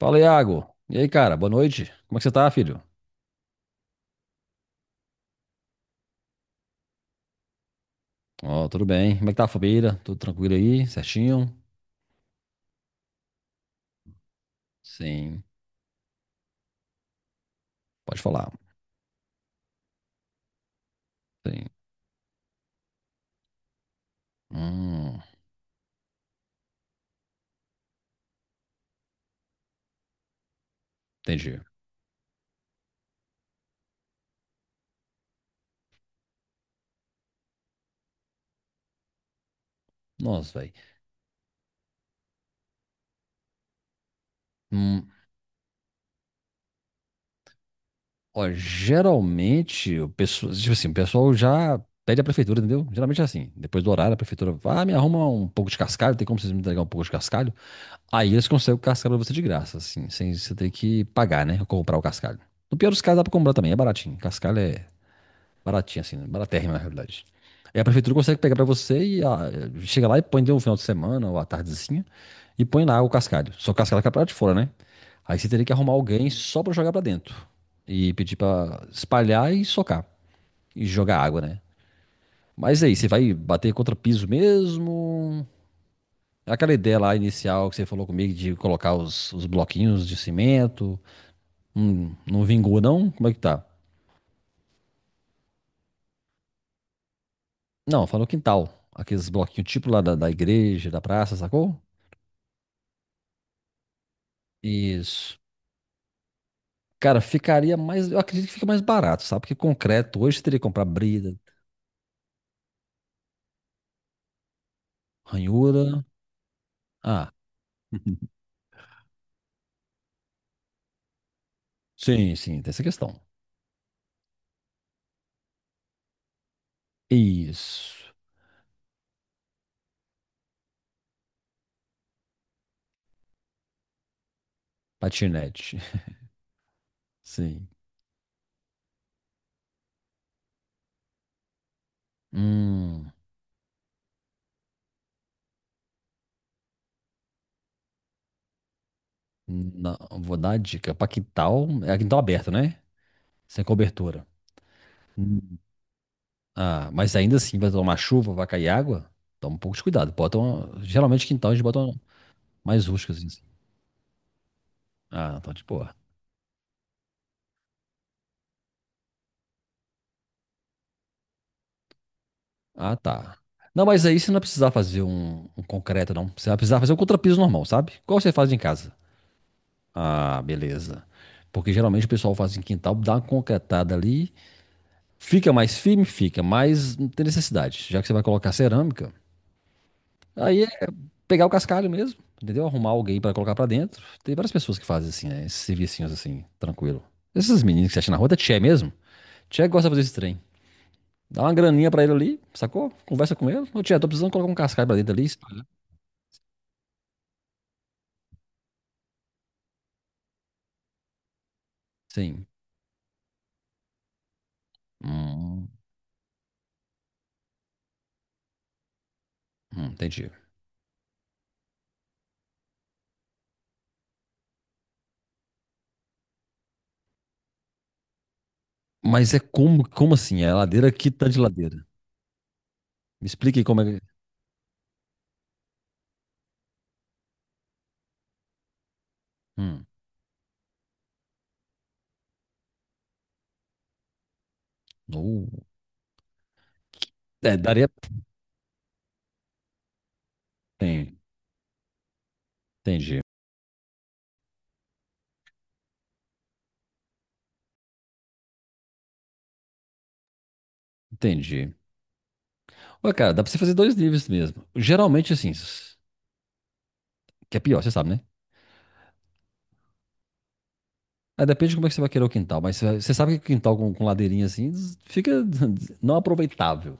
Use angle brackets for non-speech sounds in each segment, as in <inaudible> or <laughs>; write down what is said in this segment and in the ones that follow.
Fala, Iago. E aí, cara? Boa noite. Como é que você tá, filho? Ó, tudo bem. Como é que tá a família? Tudo tranquilo aí? Certinho? Sim. Pode falar. Sim. Hum, entendi. Nossa, velho. Hum, ó, geralmente, o pessoal, tipo assim, o pessoal já pede a prefeitura, entendeu? Geralmente é assim. Depois do horário, a prefeitura vai, me arruma um pouco de cascalho. Tem como vocês me entregar um pouco de cascalho? Aí eles conseguem o cascalho pra você de graça, assim, sem você ter que pagar, né? Ou comprar o cascalho. No pior dos casos, dá pra comprar também. É baratinho. Cascalho é baratinho, assim, né? Baratérrimo, na realidade. Aí a prefeitura consegue pegar pra você e chega lá e põe de um final de semana ou à tardezinha e põe lá o cascalho. Só que o cascalho fica pra lá de fora, né? Aí você teria que arrumar alguém só pra jogar pra dentro e pedir pra espalhar e socar e jogar água, né? Mas aí, você vai bater contra piso mesmo? Aquela ideia lá inicial que você falou comigo de colocar os bloquinhos de cimento, não vingou não? Como é que tá? Não, falou quintal. Aqueles bloquinhos tipo lá da igreja, da praça, sacou? Isso. Cara, ficaria mais. Eu acredito que fica mais barato, sabe? Porque concreto hoje você teria que comprar brida, ranhura. Ah, <laughs> sim, sim, tem essa questão. Isso. Patinete. <laughs> Sim. Hum. Não, vou dar a dica. Pra quintal. É quintal aberto, né? Sem cobertura. Hum. Ah, mas ainda assim vai tomar chuva, vai cair água. Toma um pouco de cuidado. Bota uma, geralmente quintal a gente bota uma mais rústicas, assim. Ah, então, de boa. Ah, tá. Não, mas aí você não vai precisar fazer um concreto, não. Você vai precisar fazer um contrapiso normal, sabe? Igual você faz em casa. Ah, beleza. Porque geralmente o pessoal faz em quintal, dá uma concretada ali, fica mais firme, fica, mas não tem necessidade. Já que você vai colocar cerâmica, aí é pegar o cascalho mesmo, entendeu? Arrumar alguém pra colocar pra dentro. Tem várias pessoas que fazem assim, né? Esses servicinhos, assim, tranquilo. Esses meninos que você acha na rua, é tchê mesmo? Tchê gosta de fazer esse trem. Dá uma graninha pra ele ali, sacou? Conversa com ele. Ô, tia, tô precisando colocar um cascalho pra dentro ali. Olha. Sim. Hum, entendi. Mas é como, como assim? É ladeira que tá de ladeira. Me explique como é que. Hum. Uh. É, daria. Tem. Entendi. Entendi. Ué, cara, dá pra você fazer dois níveis mesmo. Geralmente, assim, que é pior, você sabe, né? Aí depende de como é que você vai querer o quintal, mas você você sabe que o quintal com, ladeirinha assim fica <laughs> não aproveitável.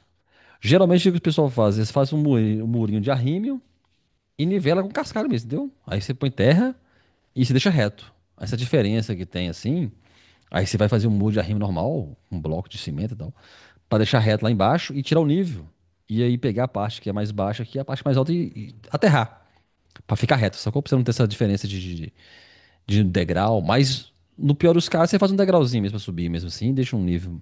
Geralmente o que o pessoal faz, eles fazem um murinho de arrimo e nivela com cascalho mesmo, entendeu? Aí você põe terra e se deixa reto. Essa diferença que tem assim, aí você vai fazer um muro de arrimo normal, um bloco de cimento e tal, pra deixar reto lá embaixo e tirar o nível. E aí pegar a parte que é mais baixa aqui, a parte mais alta e aterrar. Pra ficar reto, só que você não ter essa diferença de um degrau, mas no pior dos casos, você faz um degrauzinho mesmo pra subir mesmo assim e deixa um nível.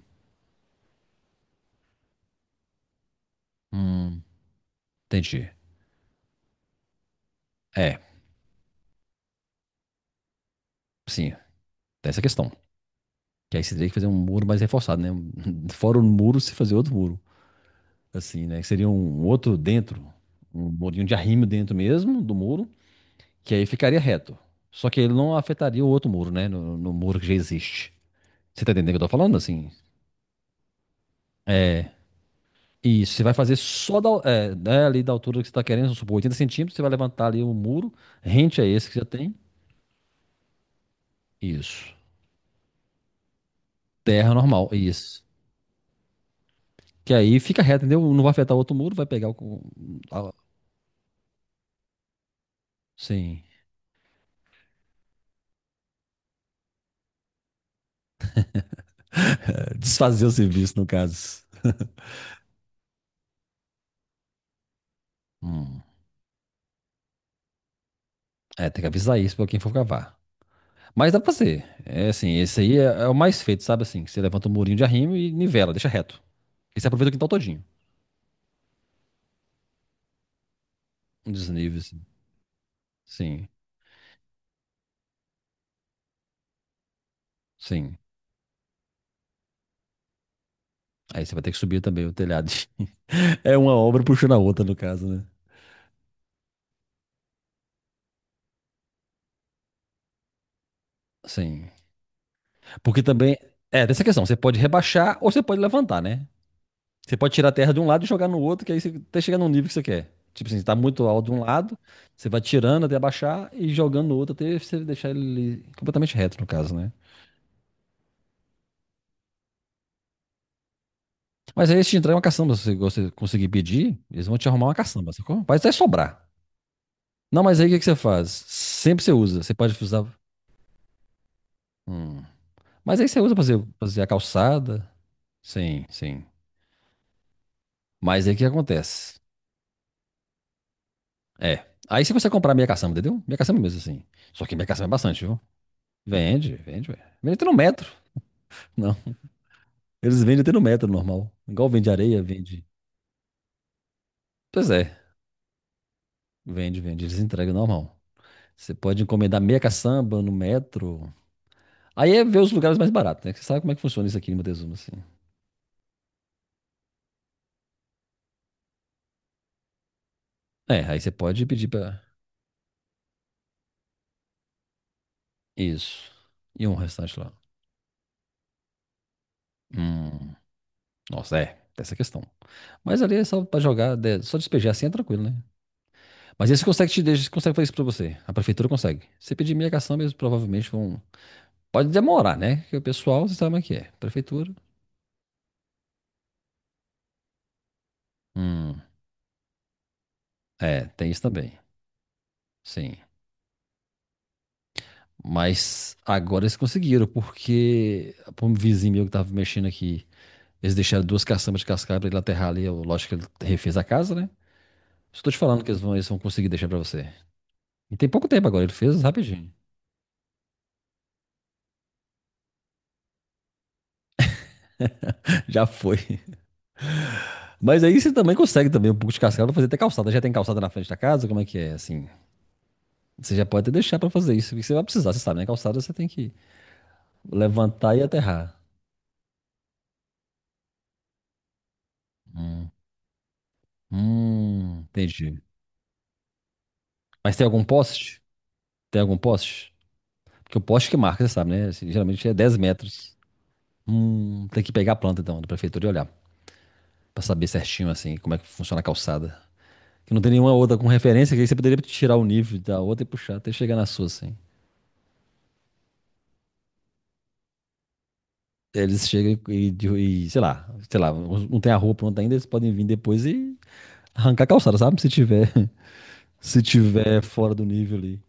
Hum, entendi. É, sim, tem essa questão. Que aí você teria que fazer um muro mais reforçado, né? <laughs> Fora o muro, você fazer outro muro, assim, né? Que seria um outro dentro, um murinho de arrimo dentro mesmo do muro, que aí ficaria reto. Só que ele não afetaria o outro muro, né? No muro que já existe. Você tá entendendo o que eu tô falando, assim? E isso, você vai fazer só da, é, né, ali da altura que você tá querendo, vamos supor, 80 centímetros, você vai levantar ali o muro, rente a esse que já tem. Isso. Terra normal, isso. Que aí fica reto, entendeu? Não vai afetar o outro muro, vai pegar o a- sim. Desfazer o serviço, no caso. Hum. É, tem que avisar isso pra quem for cavar. Mas dá pra fazer. É assim, esse aí é o mais feito, sabe assim? Que você levanta o murinho de arrimo e nivela, deixa reto. E você aproveita o quintal todinho. Um desnível, assim. Sim, sim. Aí você vai ter que subir também o telhado. <laughs> É uma obra puxando a outra, no caso, né? Sim. Porque também. É, tem essa questão. Você pode rebaixar ou você pode levantar, né? Você pode tirar a terra de um lado e jogar no outro, que aí você até chegar num nível que você quer. Tipo assim, você tá muito alto de um lado, você vai tirando até abaixar e jogando no outro até você deixar ele completamente reto, no caso, né? Mas aí se te entrar uma caçamba, se você conseguir pedir, eles vão te arrumar uma caçamba, sacou? Pode até sobrar. Não, mas aí o que que você faz? Sempre você usa. Você pode usar. Hum. Mas aí você usa pra fazer, fazer a calçada. Sim, sim. Mas aí o que acontece? É. Aí se você consegue comprar meia caçamba, entendeu? Meia caçamba mesmo, assim. Só que meia caçamba é bastante, viu? Vende, vende, ué. Vende até no metro. Não. Eles vendem até no metro normal. Igual vende areia, vende. Pois é. Vende, vende. Eles entregam normal. Você pode encomendar meia caçamba no metro. Aí é ver os lugares mais baratos, né? Que você sabe como é que funciona isso aqui em Montezuma, assim. É, aí você pode pedir pra. Isso. E um restaurante lá. Hum. Nossa, é. Tem essa questão. Mas ali é só pra jogar, só despejar assim é tranquilo, né? Mas esse consegue te deixa, consegue fazer isso pra você. A prefeitura consegue. Se pedir minha cação, eles provavelmente vão. Pode demorar, né? Porque o pessoal, você sabe como é que é. Prefeitura. Hum. É, tem isso também. Sim. Mas agora eles conseguiram, porque pô, um vizinho meu que tava mexendo aqui. Eles deixaram 2 caçambas de cascalho pra ele aterrar ali. Eu, lógico que ele refez a casa, né? Só tô te falando que eles vão conseguir deixar pra você. E tem pouco tempo agora, ele fez rapidinho. <laughs> Já foi. Mas aí você também consegue também um pouco de cascalho pra fazer até calçada. Já tem calçada na frente da casa? Como é que é, assim? Você já pode até deixar pra fazer isso, porque você vai precisar, você sabe, né? Calçada você tem que levantar e aterrar. Hum, entendi. Mas tem algum poste? Tem algum poste? Porque o poste que marca, você sabe, né? Assim, geralmente é 10 metros. Tem que pegar a planta, então, da prefeitura e olhar. Pra saber certinho, assim, como é que funciona a calçada. Que não tem nenhuma outra com referência, que aí você poderia tirar o nível da outra e puxar até chegar na sua, assim. Eles chegam e, sei lá, não tem a rua pronta ainda, eles podem vir depois e arrancar a calçada, sabe? Se tiver, <laughs> se tiver fora do nível ali.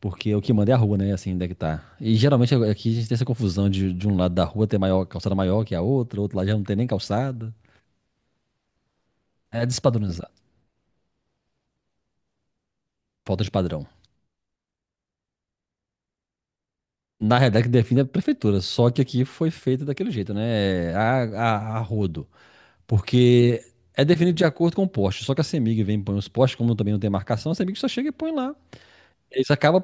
Porque o que manda é a rua, né? Assim, onde é que tá. E geralmente é, aqui a gente tem essa confusão de um lado da rua ter maior, calçada maior que a outra, outro lado já não tem nem calçada. É despadronizado. Falta de padrão. Na realidade, que define é a prefeitura, só que aqui foi feito daquele jeito, né? É, a rodo. Porque é definido de acordo com o poste. Só que a CEMIG vem e põe os postes, como também não tem marcação, a CEMIG só chega e põe lá. Eles acabam,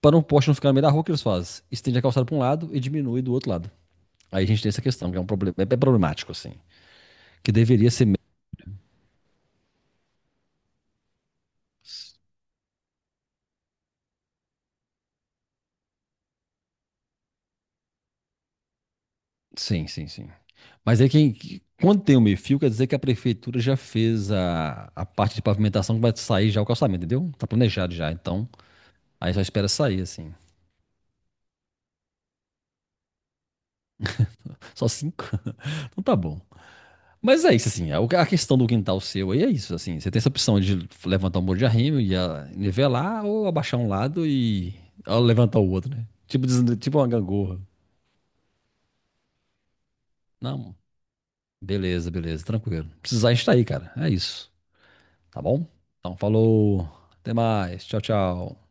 para um poste não ficar no meio da rua, o que eles fazem? Estende a calçada para um lado e diminui do outro lado. Aí a gente tem essa questão, que é um problema, é problemático, assim. Que deveria ser. Me- Sim, sim, sim. Quando tem o meio-fio, quer dizer que a prefeitura já fez a parte de pavimentação que vai sair já o calçamento, entendeu? Tá planejado já. Então, aí só espera sair, assim. Só cinco? <laughs> Então tá bom. Mas é isso, assim. A questão do quintal seu aí é isso, assim. Você tem essa opção de levantar um muro de arrimo e nivelar ou abaixar um lado e levantar o outro, né? Tipo, tipo uma gangorra. Não, beleza, beleza, tranquilo. Precisar, a gente tá aí, cara. É isso. Tá bom? Então falou. Até mais. Tchau, tchau.